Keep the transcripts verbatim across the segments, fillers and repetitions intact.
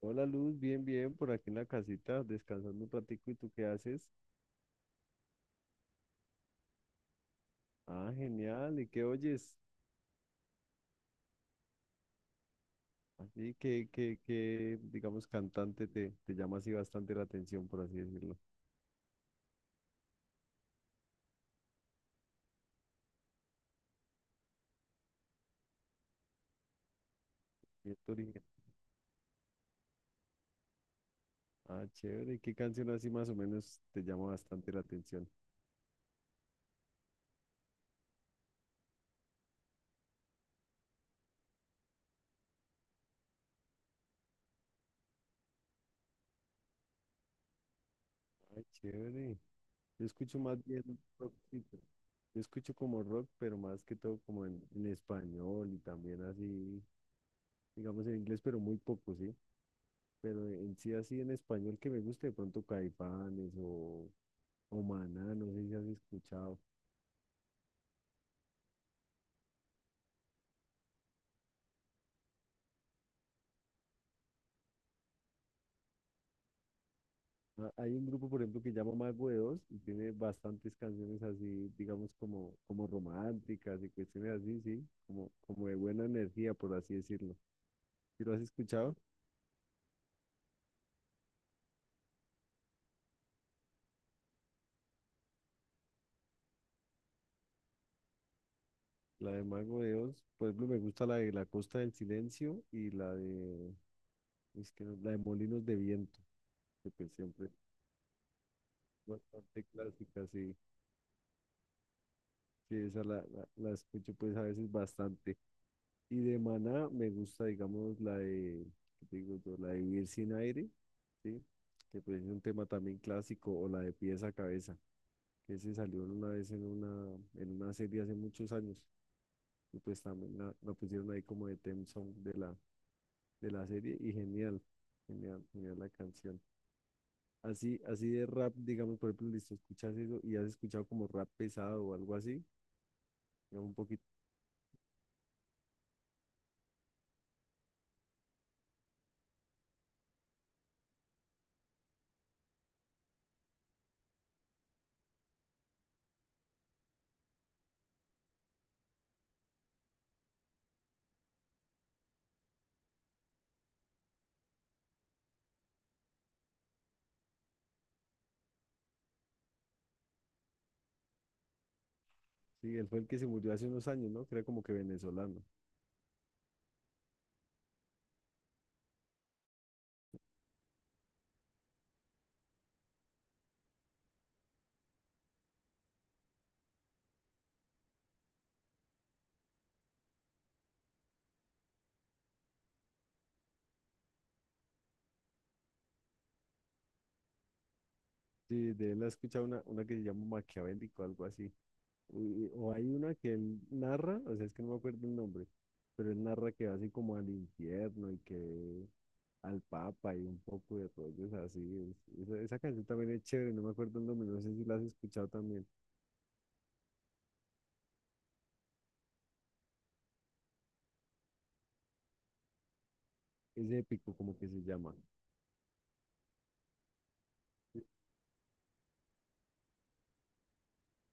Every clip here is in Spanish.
Hola Luz, bien, bien, por aquí en la casita, descansando un ratico, ¿y tú qué haces? Ah, genial, ¿y qué oyes? Así que, que, que, digamos, cantante te, te llama así bastante la atención, por así decirlo. ¿Y esto origen? Ah, chévere, ¿qué canción así más o menos te llama bastante la atención? Ay, chévere. Yo escucho más bien rockcito. Yo escucho como rock, pero más que todo como en, en español y también así, digamos en inglés, pero muy poco, ¿sí? Pero en sí así en español que me guste, de pronto Caifanes o, o Maná, no sé si has escuchado. Ah, Hay un grupo, por ejemplo, que llama Mago de Oz y tiene bastantes canciones así, digamos, como, como románticas y cuestiones así, sí, como, como de buena energía, por así decirlo. ¿Sí lo has escuchado? La de Mago de Oz, por ejemplo, me gusta la de La Costa del Silencio y la de, es que no- la de Molinos de Viento, que pues siempre es bastante clásica, sí. Sí, esa la, la, la escucho pues a veces bastante. Y de Maná me gusta, digamos, la de, ¿qué te digo yo? La de Vivir sin aire, ¿sí? Que pues es un tema también clásico, o la de Pies a Cabeza, que se salió una vez en una, en una serie hace muchos años, y pues también la, la pusieron ahí como de theme song de la, de la serie, y genial, genial, genial la canción. Así, así de rap, digamos, por ejemplo, listo, escuchas eso y has escuchado como rap pesado o algo así, digamos, un poquito, sí, él fue el que se murió hace unos años, ¿no? Que era como que venezolano. Sí, de él he escuchado una, una que se llama Maquiavélico, algo así. Y- o hay una que él narra, o sea, es que no me acuerdo el nombre, pero él narra que va así como al infierno y que al Papa y un poco de rollos así. es- esa, esa canción también es chévere, no me acuerdo el nombre, no sé si la has escuchado también. Es épico, como que se llama.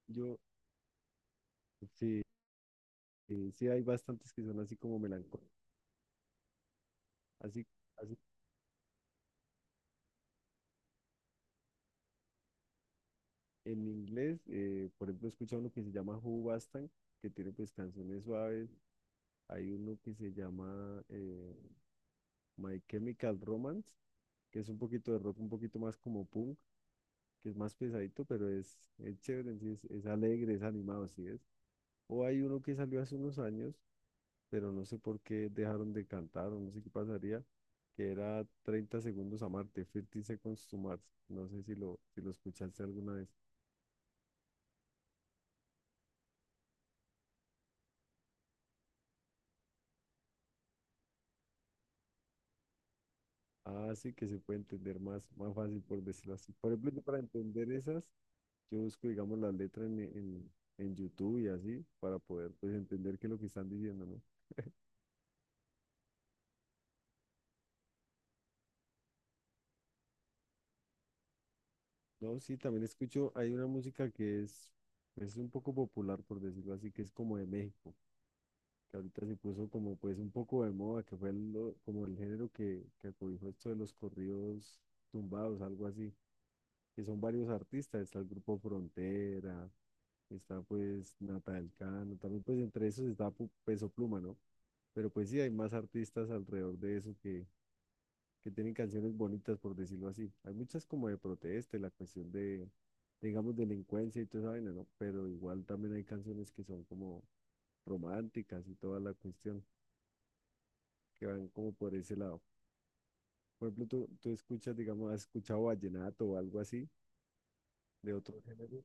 Yo, sí, eh, sí hay bastantes que son así como melancólicos. Así, así, en inglés, eh, por ejemplo, he escuchado uno que se llama Who Bastan, que tiene pues canciones suaves. Hay uno que se llama eh, My Chemical Romance, que es un poquito de rock, un poquito más como punk, que es más pesadito, pero es, es chévere, en sí, es, es alegre, es animado, así es. O hay uno que salió hace unos años, pero no sé por qué dejaron de cantar, o no sé qué pasaría, que era treinta segundos a Marte, thirty Seconds to Mars. No sé si lo, si lo, escuchaste alguna vez. Ah, sí, que se puede entender más, más fácil por decirlo así. Por ejemplo, yo para entender esas. Yo busco, digamos, la letra en, en, en YouTube y así para poder pues entender qué es lo que están diciendo, ¿no? No, sí, también escucho, hay una música que es, es un poco popular, por decirlo así, que es como de México, que ahorita se puso como pues un poco de moda, que fue lo- como el género que, que acobijó esto de los corridos tumbados, algo así, que son varios artistas, está el grupo Frontera, está pues Nata del Cano, también pues entre esos está Pu- Peso Pluma, ¿no? Pero pues sí, hay más artistas alrededor de eso que, que tienen canciones bonitas, por decirlo así. Hay muchas como de protesta, y la cuestión de, digamos, delincuencia y toda esa vaina, ¿no? Pero igual también hay canciones que son como románticas y toda la cuestión, que van como por ese lado. Por ejemplo, tú, tú escuchas, digamos, has escuchado vallenato o algo así, de otro género,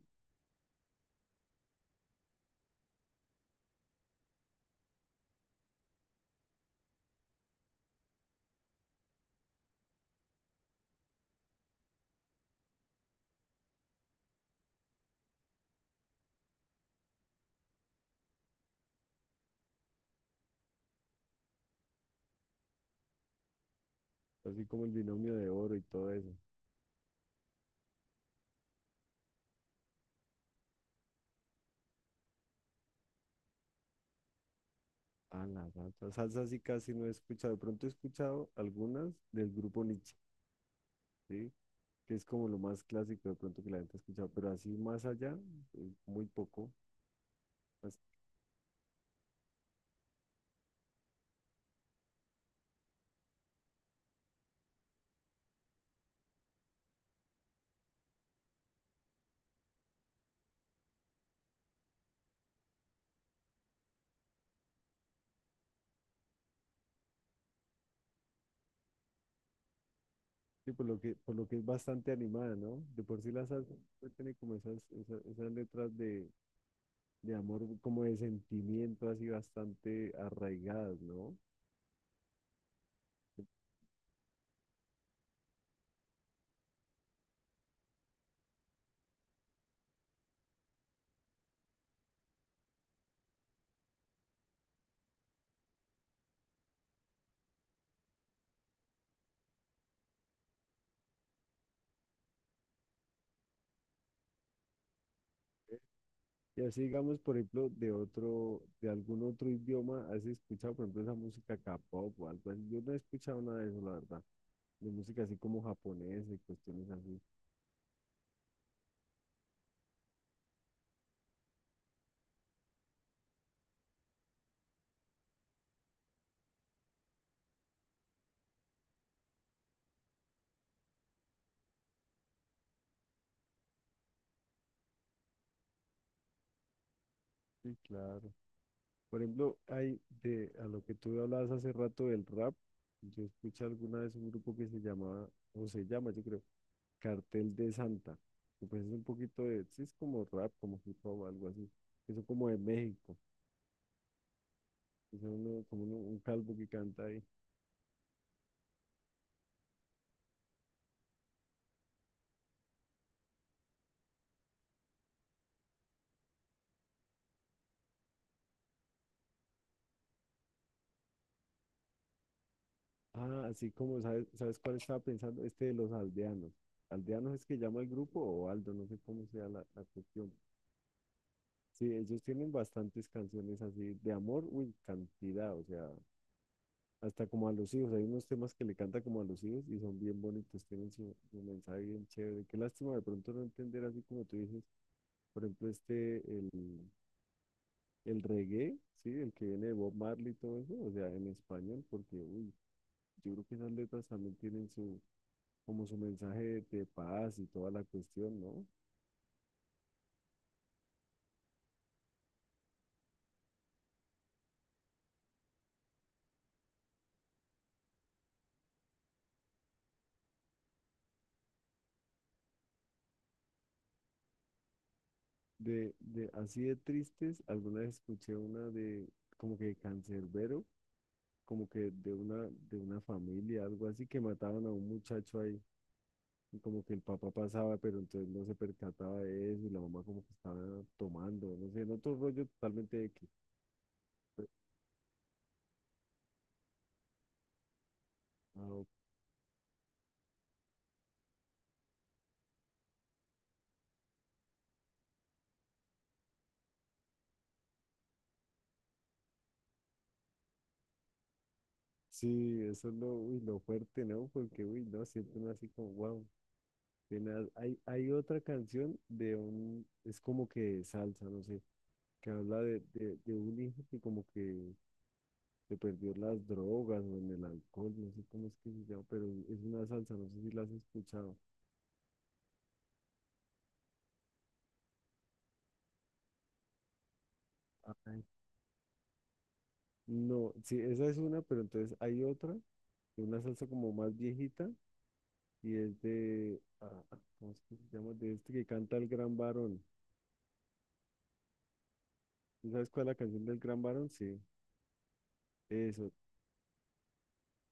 así como el binomio de oro y todo eso. Ah, la salsa. Salsa sí casi no he escuchado. De pronto he escuchado algunas del grupo Nietzsche, ¿sí? Que es como lo más clásico de pronto que la gente ha escuchado, pero así más allá, eh, muy poco. Pues, sí, por lo que, por lo que es bastante animada, ¿no? De por sí la salsa pues, tiene como esas, esas, esas letras de, de amor, como de sentimiento, así bastante arraigadas, ¿no? Y así, digamos, por ejemplo, de otro, de algún otro idioma, ¿has escuchado, por ejemplo, esa música K-pop o algo así? Yo no he escuchado nada de eso, la verdad, de música así como japonesa y cuestiones así. Sí, claro. Por ejemplo, hay de, a lo que tú hablabas hace rato del rap, yo escuché alguna vez un grupo que se llamaba, o se llama, yo creo, Cartel de Santa. Que, Pues es un poquito de, sí, es como rap, como hip hop, algo así. Eso como de México. Es uno, como uno- un calvo que canta ahí. Ah, así como, ¿sabes, ¿sabes cuál estaba pensando? Este de los aldeanos. ¿Aldeanos es que llama el grupo o Aldo? No sé cómo sea la, la cuestión. Sí, ellos tienen bastantes canciones así de amor, uy, cantidad, o sea, hasta como a los hijos. Hay unos temas que le canta como a los hijos y son bien bonitos, tienen su, su mensaje bien chévere. Qué lástima de pronto no entender así como tú dices. Por ejemplo, este, el, el reggae, ¿sí? El que viene de Bob Marley y todo eso, o sea, en español, porque, uy, yo creo que esas letras también tienen su, como su mensaje de paz y toda la cuestión, ¿no? De, de, así de tristes, alguna vez escuché una de, como que cancerbero, como que de una, de una, familia, algo así, que mataban a un muchacho ahí. Y como que el papá pasaba, pero entonces no se percataba de eso, y la mamá como que estaba tomando, no sé, en otro rollo totalmente X. Ah, ok, Sí, eso es lo, uy, lo fuerte, ¿no? Porque, uy, no, siento uno así como, wow, tenaz. Hay, hay otra canción de un, es como que salsa, no sé, que habla de, de, de un hijo que como que se perdió en las drogas o en el alcohol, no sé cómo es que se llama, pero es una salsa, no sé si la has escuchado. Ay. No, sí, esa es una, pero entonces hay otra, de una salsa como más viejita, y es de, ah, ¿cómo es que se llama? De este que canta el gran varón. ¿Tú sabes cuál es la canción del gran varón? Sí. Eso,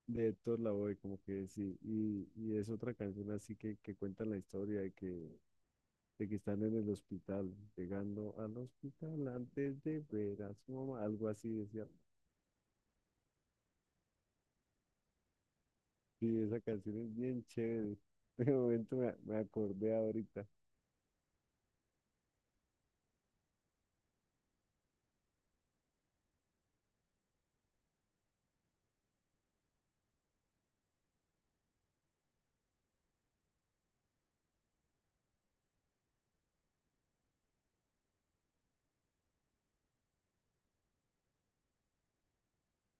de Héctor Lavoe, como que sí, y, y es otra canción así que, que cuenta la historia de que, de que, están en el hospital, llegando al hospital antes de ver a su mamá, algo así decía. Sí, esa canción es bien chévere. De momento me, me acordé ahorita,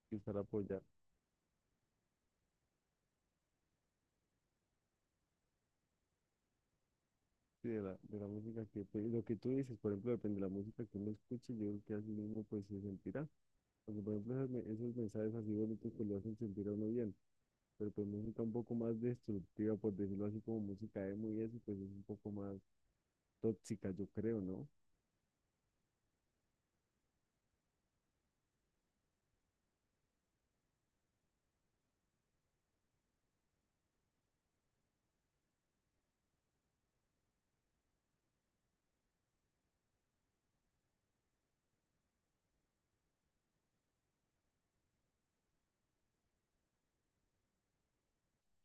quizá la apoyar. Sí, de la, de la música que, pues, lo que tú dices, por ejemplo, depende de la música que uno escuche, yo creo que así mismo pues se sentirá. Porque, por ejemplo, esos, me- esos mensajes así bonitos pues lo hacen sentir a uno bien. Pero pues música un poco más destructiva, por decirlo así, como música emo y eso, pues es un poco más tóxica, yo creo, ¿no?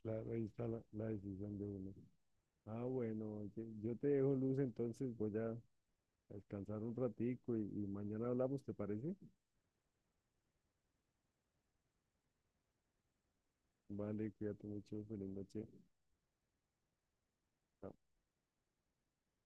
Claro, ahí está la, la decisión de uno. Ah, bueno, oye, yo te dejo Luz, entonces voy a descansar un ratico y, y mañana hablamos, ¿te parece? Vale, cuídate mucho, feliz noche. Chao.